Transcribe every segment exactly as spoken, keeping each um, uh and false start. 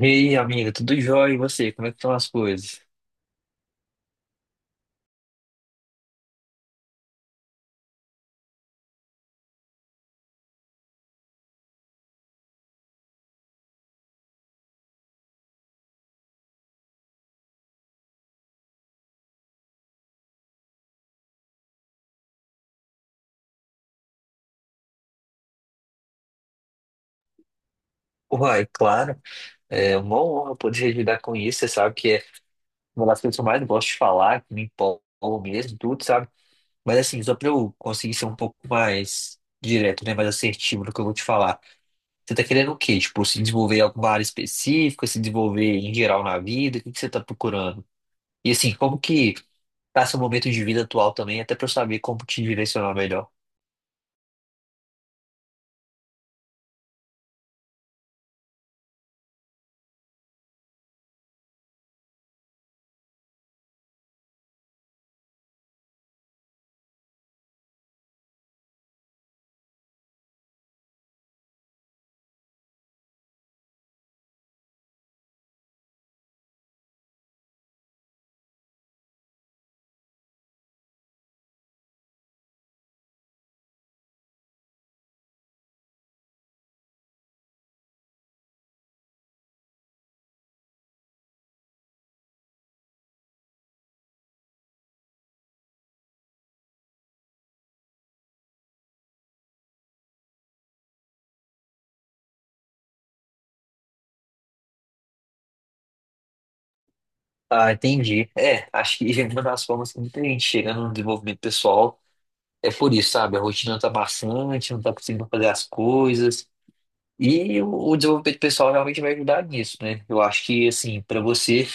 Ei, amiga, tudo jóia? E você? Como é que estão as coisas? Uai, claro, é uma honra poder ajudar com isso. Você sabe que é uma das coisas que eu mais gosto de falar, que me empolgo mesmo, tudo, sabe? Mas assim, só pra eu conseguir ser um pouco mais direto, né? Mais assertivo no que eu vou te falar. Você tá querendo o quê? Tipo, se desenvolver em alguma área específica, se desenvolver em geral na vida? O que que você tá procurando? E assim, como que tá seu momento de vida atual também, até pra eu saber como te direcionar melhor? Ah, entendi. É, acho que uma das formas que muita gente chega no desenvolvimento pessoal é por isso, sabe? A rotina tá bastante, não tá conseguindo fazer as coisas. E o, o desenvolvimento pessoal realmente vai ajudar nisso, né? Eu acho que, assim, para você,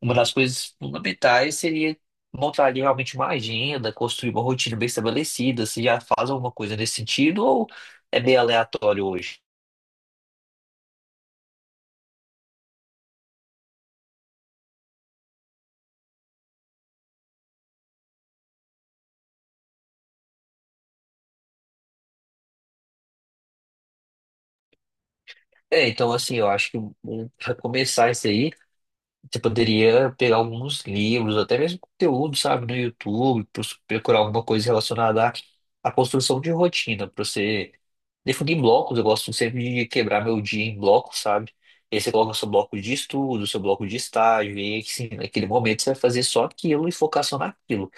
uma das coisas fundamentais seria montar ali realmente uma agenda, construir uma rotina bem estabelecida. Você já faz alguma coisa nesse sentido ou é bem aleatório hoje? É, então, assim, eu acho que para começar isso aí. Você poderia pegar alguns livros, até mesmo conteúdo, sabe, no YouTube, pros- procurar alguma coisa relacionada à, à construção de rotina, para você definir blocos. Eu gosto sempre de quebrar meu dia em blocos, sabe? E aí você coloca o seu bloco de estudo, seu bloco de estágio, e aí, sim, naquele momento você vai fazer só aquilo e focar só naquilo.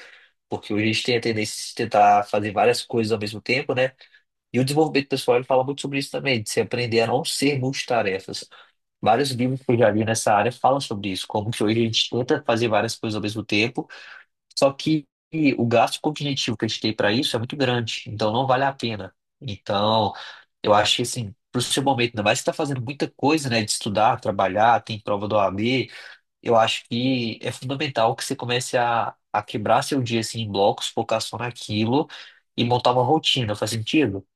Porque hoje a gente tem a tendência de tentar fazer várias coisas ao mesmo tempo, né? E o desenvolvimento pessoal ele fala muito sobre isso também, de você aprender a não ser multitarefas. Vários livros que eu já li nessa área falam sobre isso, como que hoje a gente tenta fazer várias coisas ao mesmo tempo, só que o gasto cognitivo que a gente tem para isso é muito grande, então não vale a pena. Então, eu acho que assim, para o seu momento, ainda mais se está fazendo muita coisa, né, de estudar, trabalhar, tem prova do O A B, eu acho que é fundamental que você comece a, a quebrar seu dia assim, em blocos, focar só naquilo e montar uma rotina. Faz sentido?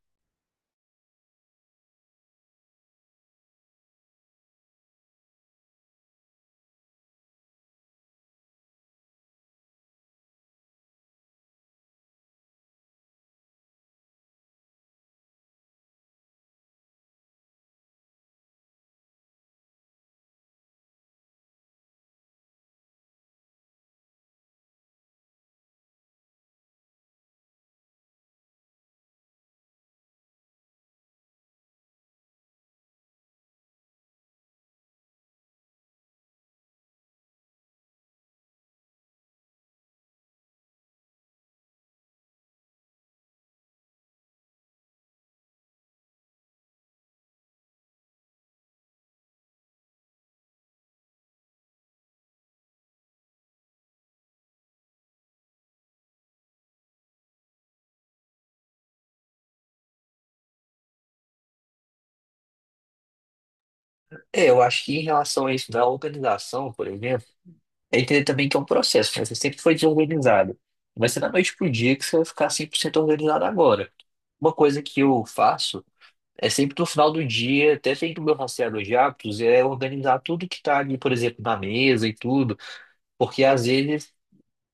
É, eu acho que em relação a isso da organização, por exemplo, é entender também que é um processo, né? Você sempre foi desorganizado. Não vai ser da noite pro dia que você vai ficar cem por cento organizado agora. Uma coisa que eu faço é sempre no final do dia, até dentro do meu rastreador de hábitos, é organizar tudo que tá ali, por exemplo, na mesa e tudo, porque às vezes,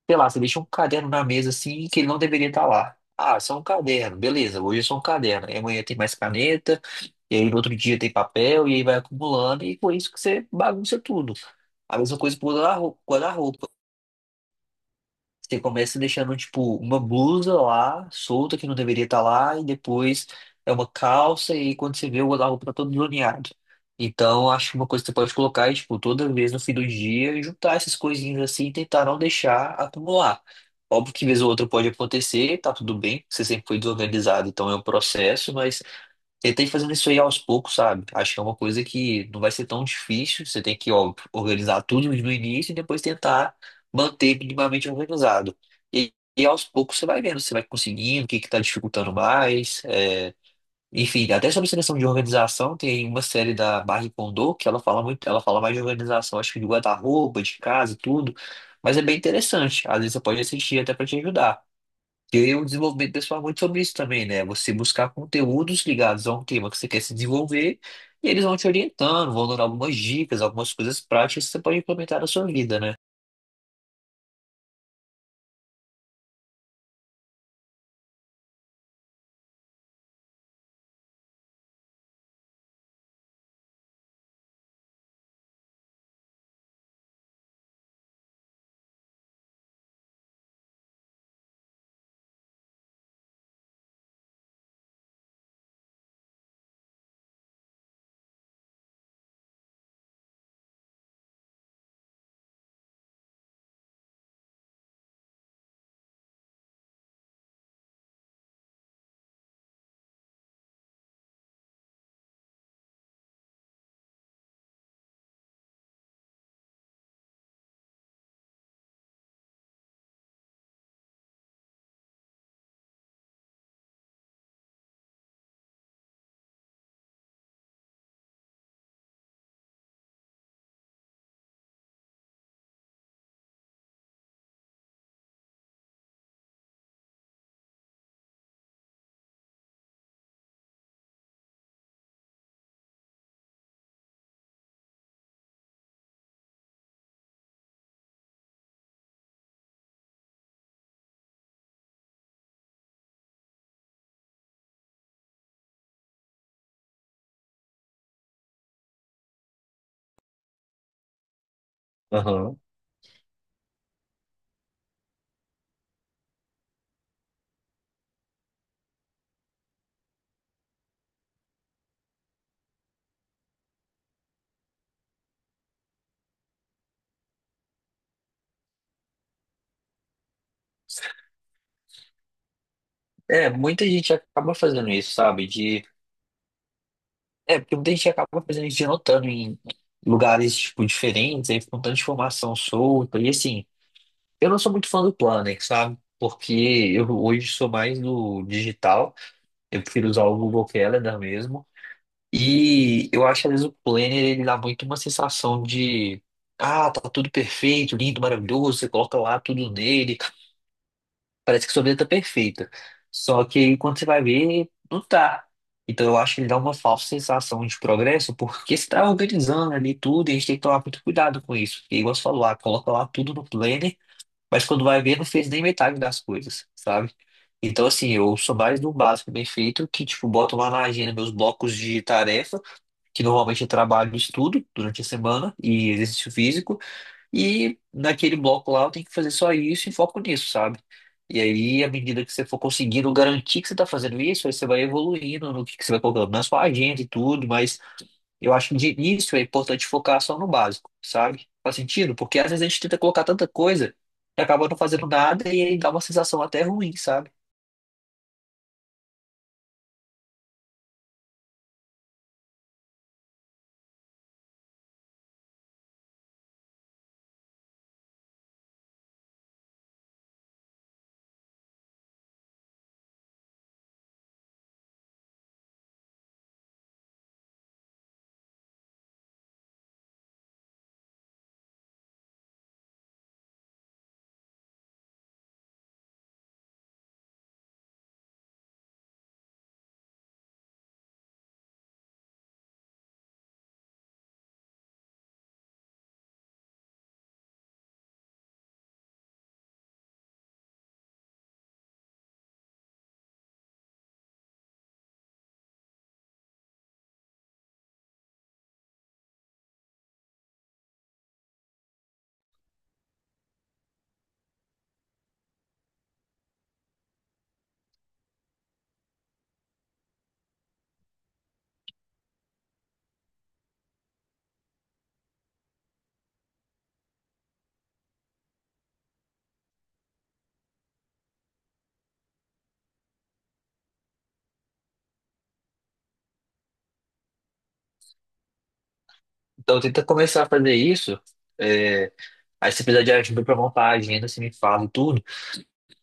sei lá, você deixa um caderno na mesa assim que ele não deveria estar lá. Ah, só um caderno, beleza, hoje é só um caderno. Aí amanhã tem mais caneta, e aí no outro dia tem papel, e aí vai acumulando, e com isso que você bagunça tudo. A mesma coisa com o guarda-roupa. Você começa deixando, tipo, uma blusa lá, solta, que não deveria estar lá, e depois é uma calça, e quando você vê, o guarda-roupa tá todo zoneado. Então, acho que uma coisa que você pode colocar é, tipo, toda vez no fim do dia, juntar essas coisinhas assim e tentar não deixar acumular. Óbvio que vez ou outra pode acontecer, tá tudo bem, você sempre foi desorganizado, então é um processo, mas ele tem fazendo isso aí aos poucos, sabe? Acho que é uma coisa que não vai ser tão difícil. Você tem que, ó, organizar tudo no início e depois tentar manter minimamente organizado. E, e aos poucos você vai vendo, você vai conseguindo, o que que tá dificultando mais. É. Enfim, até sobre seleção de organização, tem uma série da Marie Kondo que ela fala muito, ela fala mais de organização, acho que de guarda-roupa, de casa e tudo. Mas é bem interessante. Às vezes você pode assistir até para te ajudar. E o desenvolvimento pessoal é muito sobre isso também, né? Você buscar conteúdos ligados a um tema que você quer se desenvolver e eles vão te orientando, vão dando algumas dicas, algumas coisas práticas que você pode implementar na sua vida, né? Aham. É, muita gente acaba fazendo isso, sabe? De... É, porque muita gente acaba fazendo isso de anotando em lugares, tipo, diferentes, aí fica um tanto de informação solta. E assim, eu não sou muito fã do Planner, sabe? Porque eu hoje sou mais do digital, eu prefiro usar o Google Calendar mesmo. E eu acho que às vezes o planner ele dá muito uma sensação de ah, tá tudo perfeito, lindo, maravilhoso, você coloca lá tudo nele, parece que sua vida tá perfeita. Só que aí, quando você vai ver, não tá. Então eu acho que ele dá uma falsa sensação de progresso, porque você tá organizando ali tudo, e a gente tem que tomar muito cuidado com isso. Porque igual você falou, ah, coloca lá tudo no planner, mas quando vai ver, não fez nem metade das coisas, sabe? Então, assim, eu sou mais do básico bem feito, que, tipo, boto lá na agenda meus blocos de tarefas que normalmente eu trabalho e estudo durante a semana e exercício físico, e naquele bloco lá eu tenho que fazer só isso e foco nisso, sabe? E aí, à medida que você for conseguindo garantir que você está fazendo isso, aí você vai evoluindo no que que você vai colocando na sua agenda e tudo, mas eu acho que de início é importante focar só no básico, sabe? Faz sentido? Porque às vezes a gente tenta colocar tanta coisa que acaba não fazendo nada e aí dá uma sensação até ruim, sabe? Então tenta começar a fazer isso. é, Aí se precisar de ajuda para montar a agenda, você me fala e tudo.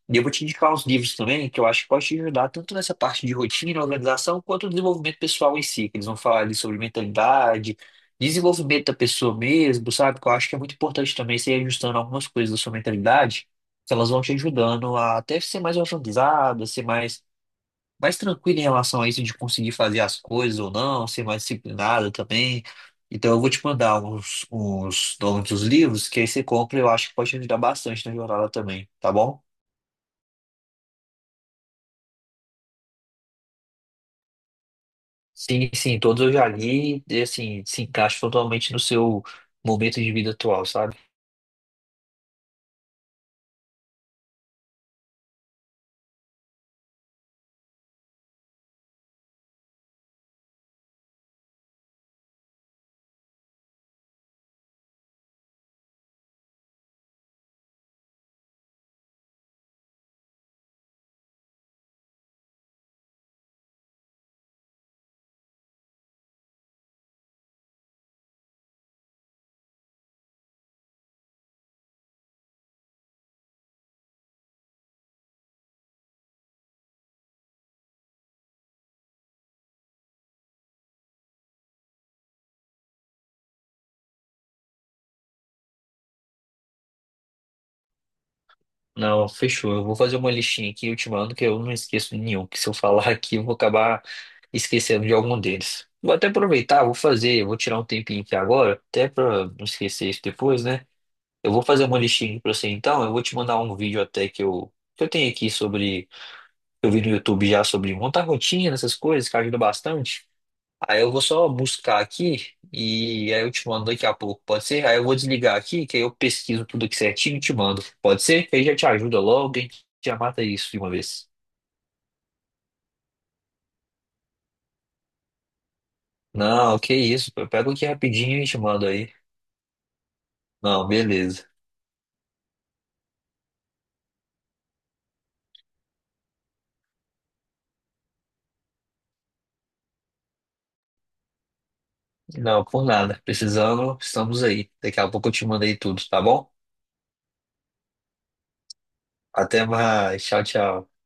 E eu vou te indicar uns livros também que eu acho que pode te ajudar tanto nessa parte de rotina, organização, quanto no desenvolvimento pessoal em si, que eles vão falar ali sobre mentalidade, desenvolvimento da pessoa mesmo, sabe? Que eu acho que é muito importante também você ir ajustando algumas coisas da sua mentalidade, que elas vão te ajudando a até ser mais organizada, ser mais, mais tranquilo em relação a isso de conseguir fazer as coisas ou não, ser mais disciplinada também. Então eu vou te mandar uns, uns nomes dos livros que aí você compra e eu acho que pode te ajudar bastante na jornada também, tá bom? Sim, sim, todos eu já li e assim, se encaixa totalmente no seu momento de vida atual, sabe? Não, fechou. Eu vou fazer uma listinha aqui, eu te mando, que eu não esqueço de nenhum, que se eu falar aqui eu vou acabar esquecendo de algum deles. Vou até aproveitar, vou fazer, vou tirar um tempinho aqui agora, até pra não esquecer isso depois, né? Eu vou fazer uma listinha pra você então, eu vou te mandar um vídeo até que eu, que eu tenho aqui sobre, que eu vi no YouTube já sobre montar rotina, essas coisas, que ajuda bastante. Aí eu vou só buscar aqui e aí eu te mando daqui a pouco, pode ser? Aí eu vou desligar aqui, que aí eu pesquiso tudo aqui certinho e te mando. Pode ser? Que aí já te ajuda logo, a gente já mata isso de uma vez. Não, que isso, pô, eu pego aqui rapidinho e te mando aí. Não, beleza. Não, por nada. Precisando, estamos aí. Daqui a pouco eu te mando aí tudo, tá bom? Até mais. Tchau, tchau.